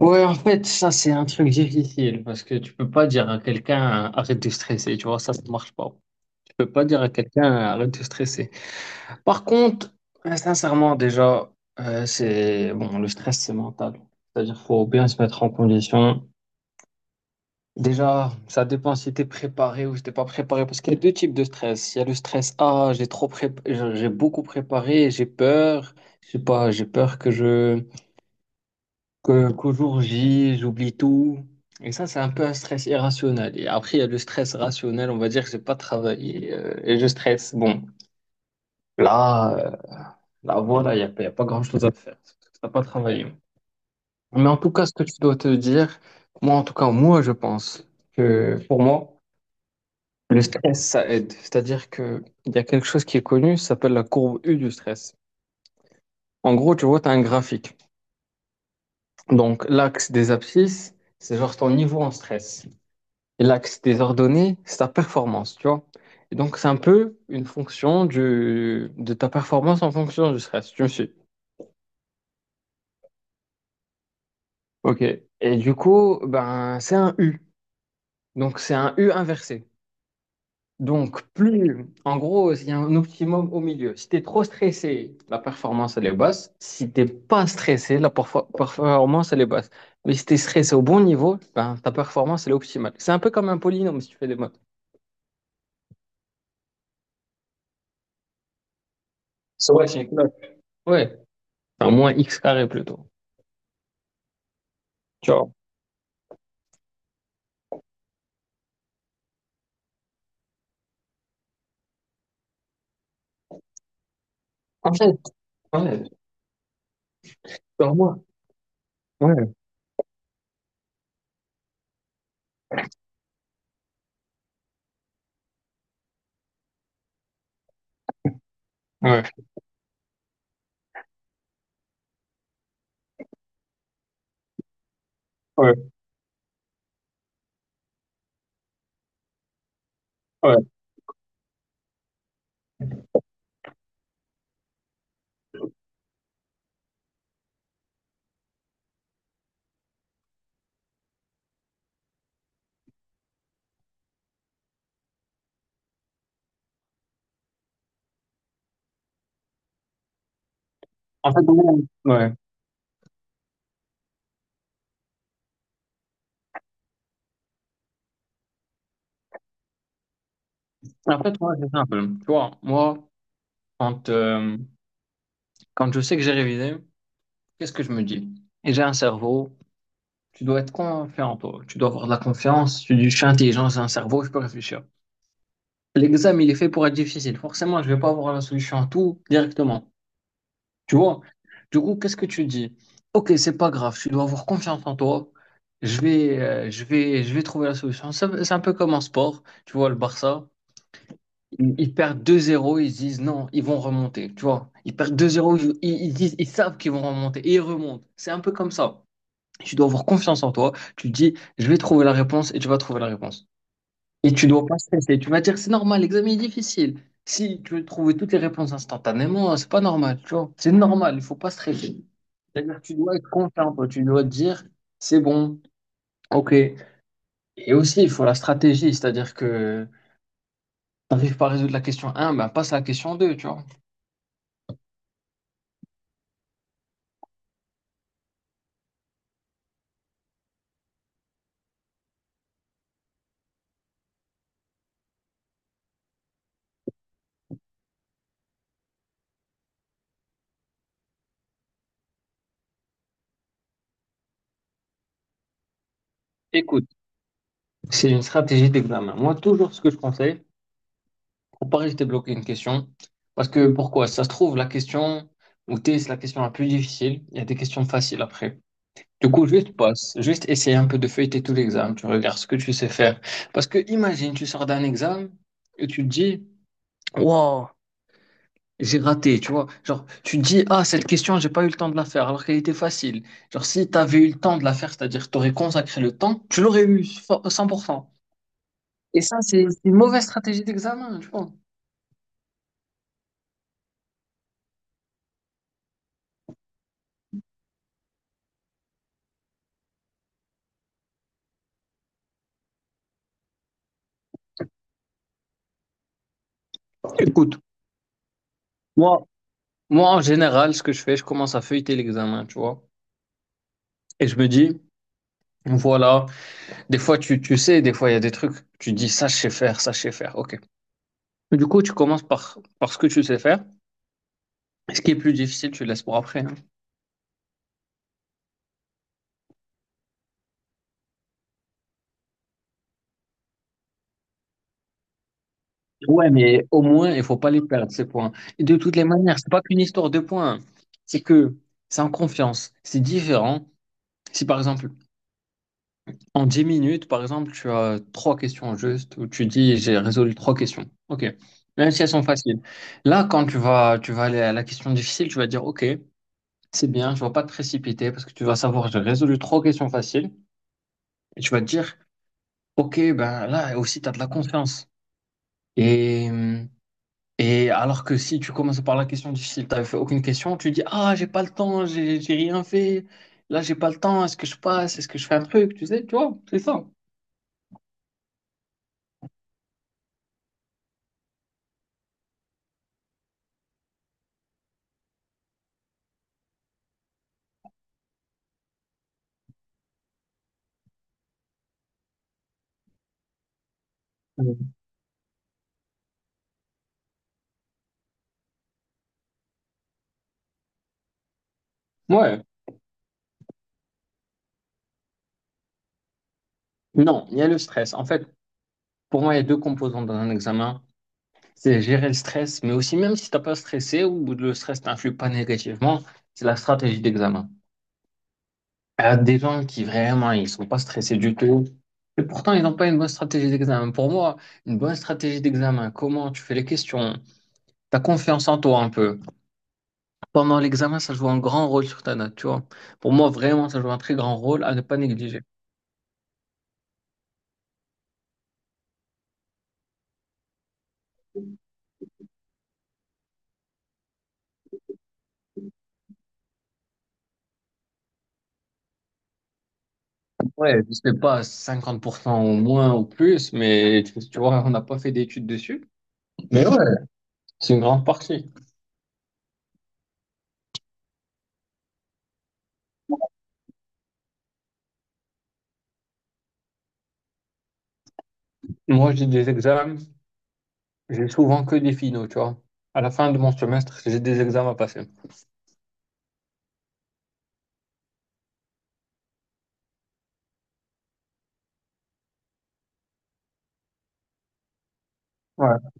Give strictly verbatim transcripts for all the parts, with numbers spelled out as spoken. Ouais, en fait, ça, c'est un truc difficile parce que tu peux pas dire à quelqu'un arrête de stresser, tu vois, ça, ça marche pas. Tu peux pas dire à quelqu'un arrête de stresser. Par contre, euh, sincèrement, déjà, euh, c'est bon, le stress, c'est mental. C'est-à-dire, faut bien se mettre en condition. Déjà, ça dépend si t'es préparé ou si t'es pas préparé parce qu'il y a deux types de stress. Il y a le stress, ah, j'ai trop prép... j'ai j'ai beaucoup préparé, j'ai peur, je sais pas, j'ai peur que je que, qu'au jour J, j'oublie tout. Et ça, c'est un peu un stress irrationnel. Et après, il y a le stress rationnel. On va dire que j'ai pas travaillé euh, et je stresse. Bon, là, euh, là, voilà, il n'y a, pas- il y a pas grand-chose à faire. T'as pas travaillé. Mais en tout cas, ce que tu dois te dire, moi, en tout cas, moi, je pense que pour moi, le stress, ça aide. C'est-à-dire que il y a quelque chose qui est connu, ça s'appelle la courbe U du stress. En gros, tu vois, tu as un graphique. Donc, l'axe des abscisses, c'est genre ton niveau en stress. L'axe des ordonnées, c'est ta performance, tu vois. Et donc, c'est un peu une fonction du, de ta performance en fonction du stress, tu me suis. Ok. Et du coup, ben, c'est un U. Donc, c'est un U inversé. Donc, plus, en gros, il y a un optimum au milieu. Si tu es trop stressé, la performance, elle est basse. Si t'es pas stressé, la perfo- performance, elle est basse. Mais si tu es stressé au bon niveau, ben, ta performance, elle est optimale. C'est un peu comme un polynôme si tu fais des maths. Ouais, c'est what, Shane? Ouais, enfin, moins x carré plutôt. Tu vois. En fait, ouais, par moi. Ouais, ouais, ouais, ouais. En fait, moi, ouais. En fait, moi, c'est simple. Tu vois, moi, quand, euh, quand je sais que j'ai révisé, qu'est-ce que je me dis? Et j'ai un cerveau, tu dois être confiant en toi. Tu dois avoir de la confiance. Tu dis, je suis intelligent, j'ai un cerveau, je peux réfléchir. L'examen, il est fait pour être difficile. Forcément, je vais pas avoir la solution à tout directement. Tu vois? Du coup, qu'est-ce que tu dis? Ok, c'est pas grave, tu dois avoir confiance en toi. Je vais, euh, je vais, je vais trouver la solution. C'est c'est un peu comme en sport. Tu vois, le Barça, ils, ils perdent deux zéro, ils se disent non, ils vont remonter. Tu vois, ils perdent deux zéro, ils, ils ils disent, ils savent qu'ils vont remonter et ils remontent. C'est un peu comme ça. Tu dois avoir confiance en toi. Tu te dis, je vais trouver la réponse et tu vas trouver la réponse. Et tu dois pas stresser. Tu vas dire, c'est normal, l'examen est difficile. Si tu veux trouver toutes les réponses instantanément, euh, c'est pas normal, tu vois. C'est normal, il faut pas stresser. C'est-à-dire que tu dois être confiant, toi. Tu dois te dire, c'est bon, ok. Et aussi, il faut la stratégie, c'est-à-dire que t'arrives pas à résoudre la question un, ben passe à la question deux, tu vois. Écoute, c'est une stratégie d'examen. Moi, toujours ce que je conseille, pour pas rester bloqué une question, parce que pourquoi? Ça se trouve, la question où t'es, c'est la question la plus difficile. Il y a des questions faciles après. Du coup, juste passe, juste essayer un peu de feuilleter tout l'examen, tu regardes ce que tu sais faire. Parce que imagine, tu sors d'un examen et tu te dis, wow, j'ai raté, tu vois. Genre, tu te dis, ah, cette question, j'ai pas eu le temps de la faire, alors qu'elle était facile. Genre, si tu avais eu le temps de la faire, c'est-à-dire tu aurais consacré le temps, tu l'aurais eu fo- cent pour cent. Et ça, c'est c'est une mauvaise stratégie d'examen, tu vois. Écoute, moi, moi, en général, ce que je fais, je commence à feuilleter l'examen, tu vois. Et je me dis, voilà. Des fois, tu, tu sais, des fois, il y a des trucs, tu dis ça, je sais faire, ça, je sais faire. Ok. Du coup, tu commences par, par ce que tu sais faire. Ce qui est plus difficile, tu le laisses pour après, hein. Ouais, mais au moins, il faut pas les perdre, ces points. Et de toutes les manières, c'est pas qu'une histoire de points, hein. C'est que c'est en confiance. C'est différent. Si par exemple, en dix minutes, par exemple, tu as trois questions juste, où tu dis j'ai résolu trois questions. Ok. Même si elles sont faciles. Là, quand tu vas, tu vas aller à la question difficile, tu vas dire ok. C'est bien, je ne pas te précipiter parce que tu vas savoir, j'ai résolu trois questions faciles et tu vas te dire, ok, ben là aussi, tu as de la confiance. Et, et alors que si tu commences par la question difficile, tu fait aucune question, tu dis, ah, j'ai pas le temps, j'ai j'ai rien fait, là, j'ai pas le temps, est-ce que je passe, est-ce que je fais un truc, tu sais, tu vois, c'est ça. Mhm. Ouais, non, il y a le stress. En fait, pour moi, il y a deux composantes dans un examen. C'est gérer le stress, mais aussi même si t'as pas stressé ou le stress t'influe pas négativement, c'est la stratégie d'examen. À des gens qui vraiment ils sont pas stressés du tout et pourtant ils n'ont pas une bonne stratégie d'examen. Pour moi, une bonne stratégie d'examen, comment tu fais les questions, ta confiance en toi un peu. Pendant l'examen, ça joue un grand rôle sur ta note, tu vois. Pour moi, vraiment, ça joue un très grand rôle à ne pas négliger. Ouais, je sais pas, cinquante pour cent au moins ou plus, mais tu tu vois, on n'a pas fait d'études dessus. Mais ouais, c'est une grande partie. Moi, j'ai des examens, j'ai souvent que des finaux, tu vois. À la fin de mon semestre, j'ai des examens à passer. Ouais.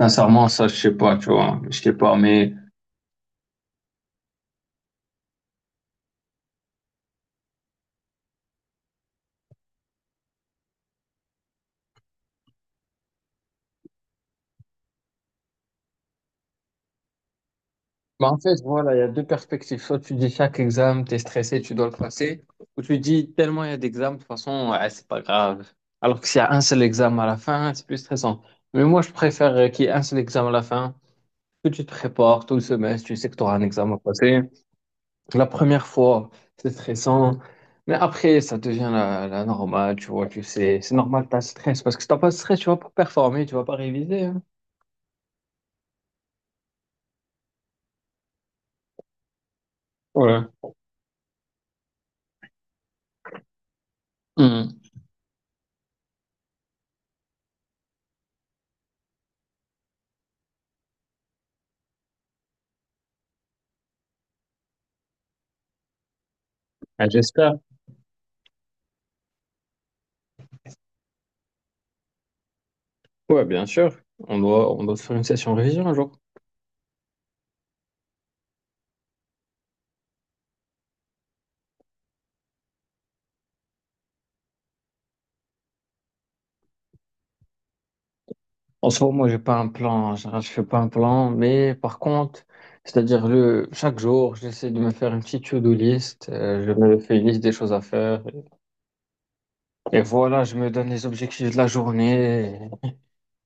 Sincèrement, ça, je sais pas, tu vois. Je sais pas, mais... Bah, en fait, voilà, il y a deux perspectives. Soit tu dis chaque examen, t'es stressé, tu dois le passer. Ou tu dis tellement il y a d'examens, de toute façon, ouais, c'est pas grave. Alors que s'il y a un seul examen à la fin, c'est plus stressant. Mais moi, je préfère euh, qu'il y ait un seul examen à la fin, que tu te prépares tout le semestre, tu sais que tu auras un examen à passer. La première fois, c'est stressant. Mais après, ça devient la, la normale, tu vois, tu sais. C'est normal, t'as le stress. Parce que si t'as pas de stress, tu vas pas performer, tu vas pas réviser, hein. Voilà. Ah, j'espère. Ouais, bien sûr. On doit, on doit se faire une session révision un jour. En ce moment, moi, j'ai pas un plan. En général, je fais pas un plan, mais par contre, c'est-à-dire le chaque jour, j'essaie de me faire une petite to-do list. euh, je me fais une liste des choses à faire. Et voilà, je me donne les objectifs de la journée.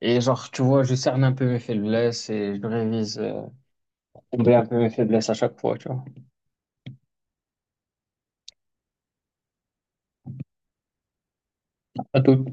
Et, genre, tu vois, je cerne un peu mes faiblesses et je révise, euh, combler un peu mes faiblesses à chaque fois, tu vois. À tout.